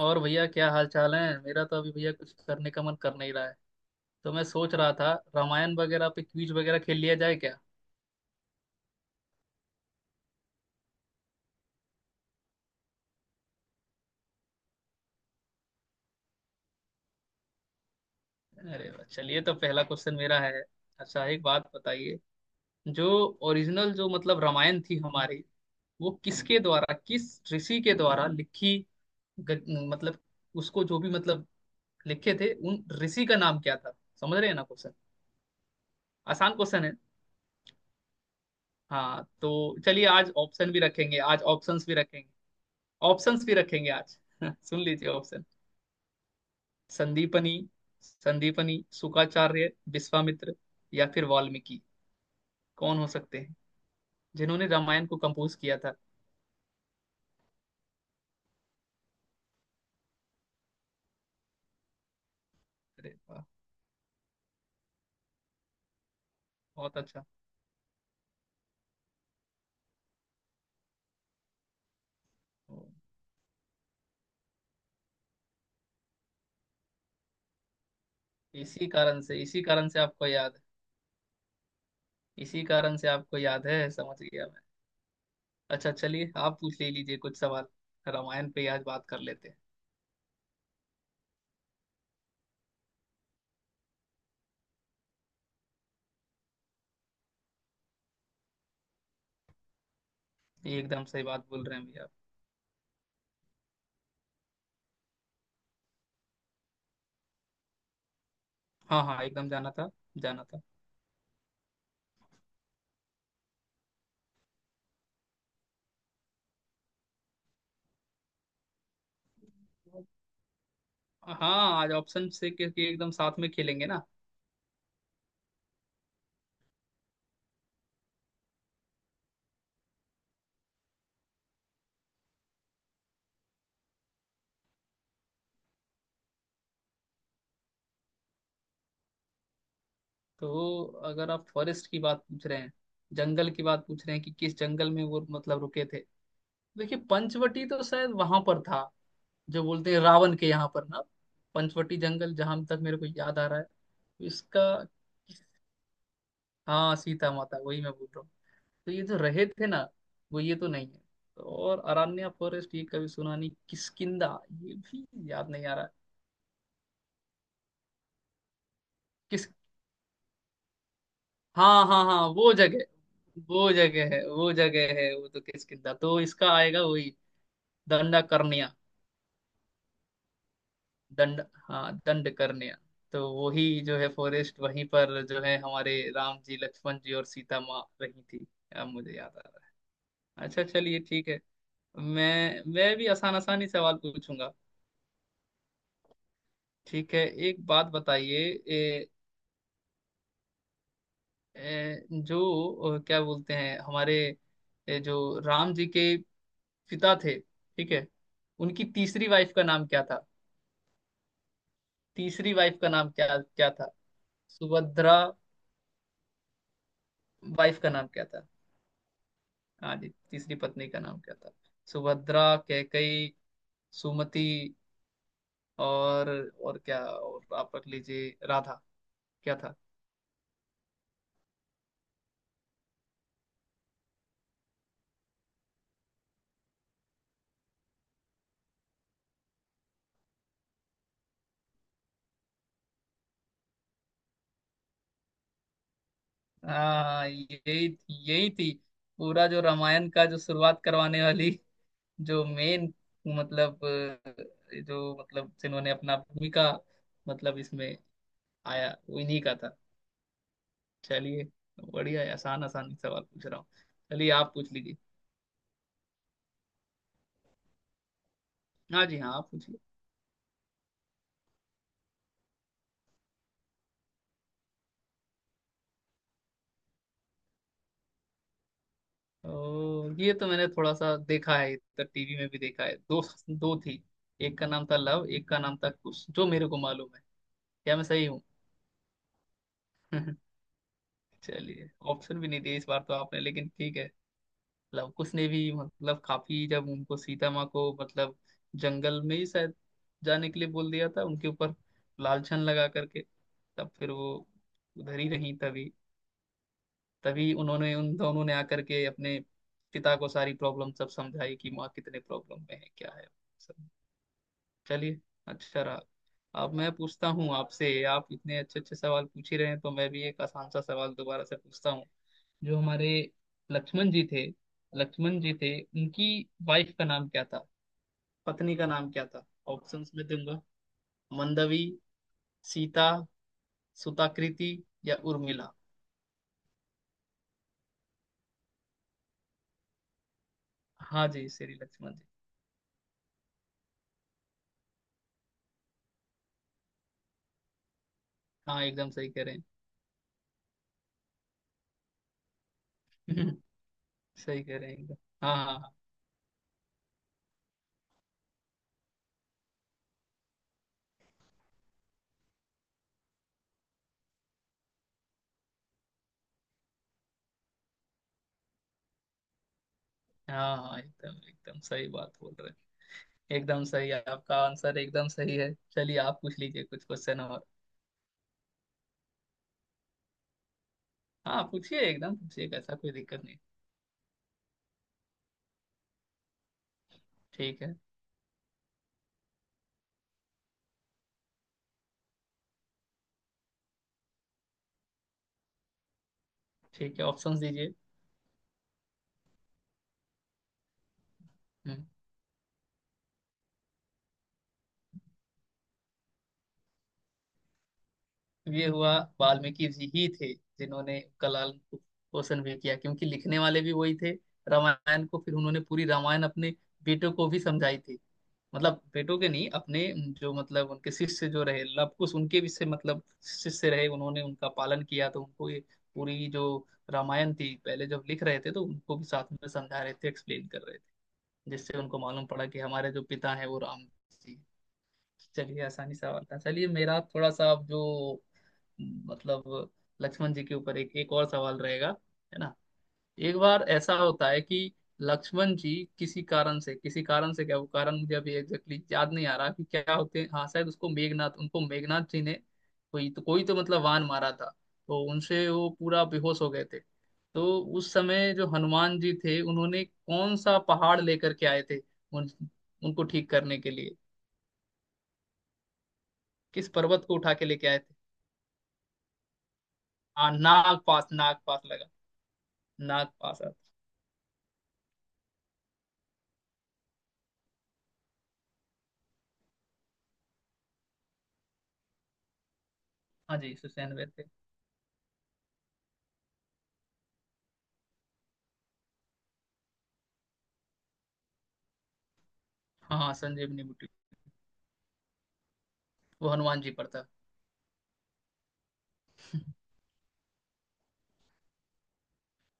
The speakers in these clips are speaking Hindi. और भैया क्या हाल चाल है। मेरा तो अभी भैया कुछ करने का मन कर नहीं रहा है, तो मैं सोच रहा था रामायण वगैरह पे क्विज वगैरह खेल लिया जाए क्या। अरे वाह, चलिए तो पहला क्वेश्चन मेरा है। अच्छा, एक बात बताइए। जो ओरिजिनल जो मतलब रामायण थी हमारी, वो किसके द्वारा, किस ऋषि के द्वारा लिखी, ग, मतलब उसको जो भी मतलब लिखे थे उन ऋषि का नाम क्या था। समझ रहे हैं ना क्वेश्चन? आसान क्वेश्चन है। हाँ तो चलिए, आज ऑप्शन भी रखेंगे, आज ऑप्शंस भी रखेंगे। ऑप्शंस भी रखेंगे आज। सुन लीजिए ऑप्शन। संदीपनी, संदीपनी शुक्राचार्य, विश्वामित्र या फिर वाल्मीकि, कौन हो सकते हैं जिन्होंने रामायण को कंपोज किया था। अरे वाह, बहुत अच्छा। ओ, इसी कारण से आपको याद है, इसी कारण से आपको याद है, समझ गया मैं। अच्छा चलिए, आप पूछ ले लीजिए कुछ सवाल। रामायण पे ही आज बात कर लेते हैं। ये एकदम सही बात बोल रहे हैं भैया आप। हाँ हाँ एकदम जाना था, जाना था। हाँ आज ऑप्शन से, क्योंकि एकदम साथ में खेलेंगे ना। तो अगर आप फॉरेस्ट की बात पूछ रहे हैं, जंगल की बात पूछ रहे हैं कि किस जंगल में वो मतलब रुके थे। देखिए पंचवटी तो शायद वहां पर था, जो बोलते हैं रावण के यहाँ पर ना। पंचवटी जंगल, जहां तक मेरे को याद आ रहा है तो इसका। हाँ सीता माता, वही मैं बोल रहा हूँ। तो ये जो रहे थे ना, वो ये तो नहीं है। तो और अरण्या फॉरेस्ट ये कभी सुना नहीं। किसकिंदा ये भी याद नहीं आ रहा। किस हाँ हाँ हाँ वो जगह, वो जगह है, वो जगह है। वो तो किसकिंदा, तो इसका आएगा वही। दंडा कर्ण्या। दंड हाँ दंड कर्ण्या। तो वही जो है फॉरेस्ट, वहीं पर जो है हमारे राम जी, लक्ष्मण जी और सीता माँ रही थी। अब मुझे याद आ रहा है। अच्छा चलिए ठीक है। मैं भी आसानी सवाल पूछूंगा। ठीक है। एक बात बताइए। ए, जो क्या बोलते हैं हमारे जो राम जी के पिता थे, ठीक है। उनकी तीसरी वाइफ का नाम क्या था? तीसरी वाइफ का नाम क्या क्या था? सुभद्रा, वाइफ का नाम क्या था? हाँ जी, तीसरी पत्नी का नाम क्या था? सुभद्रा, कैकई, सुमति और और क्या, और आप रख लीजिए राधा। क्या था? हाँ यही, यही थी। पूरा जो रामायण का जो शुरुआत करवाने वाली, जो मेन मतलब जो मतलब जिन्होंने अपना भूमिका मतलब इसमें आया वो इन्हीं का था। चलिए बढ़िया है, आसान आसान सवाल पूछ रहा हूँ। चलिए आप पूछ लीजिए। हाँ जी, हाँ आप पूछिए। ओ, ये तो मैंने थोड़ा सा देखा है, तो टीवी में भी देखा है। दो, दो थी। एक का नाम था लव, एक का नाम था कुश, जो मेरे को मालूम है। क्या मैं सही हूँ? चलिए, ऑप्शन भी नहीं दिए इस बार तो आपने, लेकिन ठीक है। लव कुश ने भी मतलब काफी, जब उनको सीता माँ को मतलब जंगल में ही शायद जाने के लिए बोल दिया था उनके ऊपर लालछन लगा करके, तब फिर वो उधर ही रही। तभी तभी उन्होंने, उन दोनों ने आकर के अपने पिता को सारी प्रॉब्लम सब समझाई कि माँ कितने प्रॉब्लम में है, क्या है सब। चलिए, अच्छा रहा। अब मैं पूछता हूँ आपसे। आप इतने अच्छे अच्छे सवाल पूछ ही रहे हैं, तो मैं भी एक आसान सा सवाल दोबारा से पूछता हूँ। जो हमारे लक्ष्मण जी थे, लक्ष्मण जी थे, उनकी वाइफ का नाम क्या था? पत्नी का नाम क्या था? ऑप्शंस में दूंगा। मंदवी, सीता, सुताकृति या उर्मिला। हाँ जी, श्री लक्ष्मण जी। हाँ एकदम सही कह रहे हैं। सही कह रहे हैं एकदम। हाँ हाँ हाँ हाँ एकदम एकदम सही बात बोल रहे हैं। एकदम सही है आपका आंसर, एकदम सही है। चलिए आप पूछ लीजिए कुछ क्वेश्चन और। हाँ पूछिए, एकदम पूछिए, ऐसा कोई दिक्कत नहीं। ठीक है। ठीक है, ऑप्शंस दीजिए। हम्म। ये हुआ, वाल्मीकि जी ही थे जिन्होंने कलाल को पोषण भी किया, क्योंकि लिखने वाले भी वही थे रामायण को। फिर उन्होंने पूरी रामायण अपने बेटों को भी समझाई थी, मतलब बेटों के नहीं, अपने जो मतलब उनके शिष्य जो रहे लव कुश, उनके भी से मतलब शिष्य रहे, उन्होंने उनका पालन किया। तो उनको ये पूरी जो रामायण थी, पहले जब लिख रहे थे, तो उनको भी साथ में समझा रहे थे, एक्सप्लेन कर रहे थे, जिससे उनको मालूम पड़ा कि हमारे जो पिता हैं वो राम जी। चलिए आसानी सवाल था। चलिए मेरा थोड़ा सा अब, जो मतलब लक्ष्मण जी के ऊपर एक एक और सवाल रहेगा, है ना। एक बार ऐसा होता है कि लक्ष्मण जी किसी कारण से, क्या वो कारण मुझे अभी एग्जैक्टली exactly याद नहीं आ रहा कि क्या होते हैं। हाँ शायद उसको मेघनाथ, उनको मेघनाथ जी ने कोई तो मतलब वान मारा था, तो उनसे वो पूरा बेहोश हो गए थे। तो उस समय जो हनुमान जी थे, उन्होंने कौन सा पहाड़ लेकर के आए थे? उन, उनको ठीक करने के लिए, किस पर्वत को उठा के लेके आए थे? हाँ नाग पास, नाग पास लगा। नाग पास आता। हाँ जी सुसैन वे थे। हाँ हाँ संजीवनी बूटी, वो हनुमान जी पर था।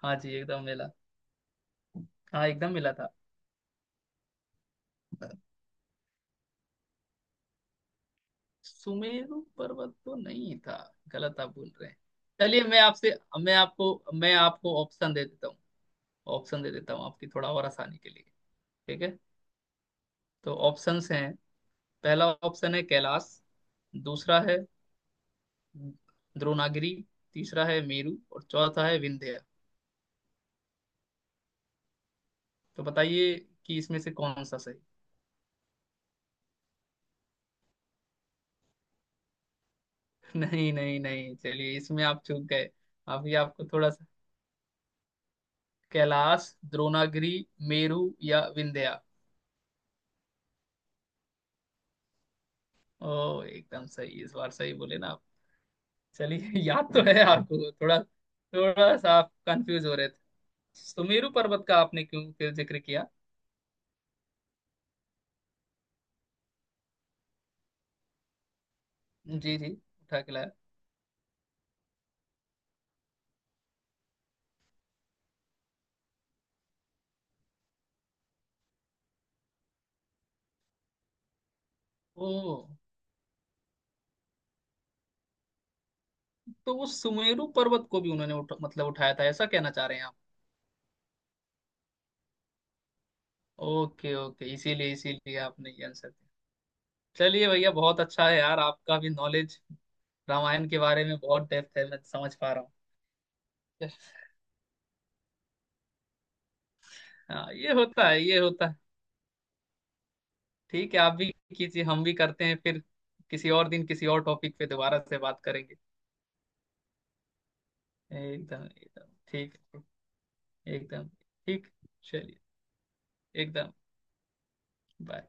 हाँ जी एकदम मिला। हाँ एकदम मिला था। सुमेरु पर्वत तो नहीं था, गलत आप बोल रहे हैं। चलिए मैं आपसे, मैं आपको मैं आपको ऑप्शन दे देता हूँ। ऑप्शन दे देता हूँ आपकी थोड़ा और आसानी के लिए, ठीक है। तो ऑप्शंस हैं, पहला ऑप्शन है कैलाश, दूसरा है द्रोणागिरी, तीसरा है मेरु और चौथा है विंध्य। तो बताइए कि इसमें से कौन सा सही। नहीं नहीं नहीं, चलिए, इसमें आप चूक गए। अभी आपको थोड़ा सा, कैलाश, द्रोणागिरी, मेरु या विंध्या। ओ एकदम सही, इस बार सही बोले ना आप। चलिए याद तो है आपको, थोड़ा थोड़ा सा आप कंफ्यूज हो रहे थे। सुमेरु पर्वत का आपने क्यों फिर जिक्र किया? जी जी उठा के लाया। ओ, तो वो सुमेरु पर्वत को भी उन्होंने मतलब उठाया था, ऐसा कहना चाह रहे हैं आप। ओके ओके, इसीलिए इसीलिए आपने ये आंसर दिया। चलिए भैया, बहुत अच्छा है यार, आपका भी नॉलेज रामायण के बारे में बहुत डेप्थ है, मैं समझ पा रहा हूँ। हाँ ये होता है, ये होता है। ठीक है, आप भी कीजिए, हम भी करते हैं। फिर किसी और दिन किसी और टॉपिक पे दोबारा से बात करेंगे। एकदम एकदम ठीक, एकदम ठीक, चलिए, एकदम बाय।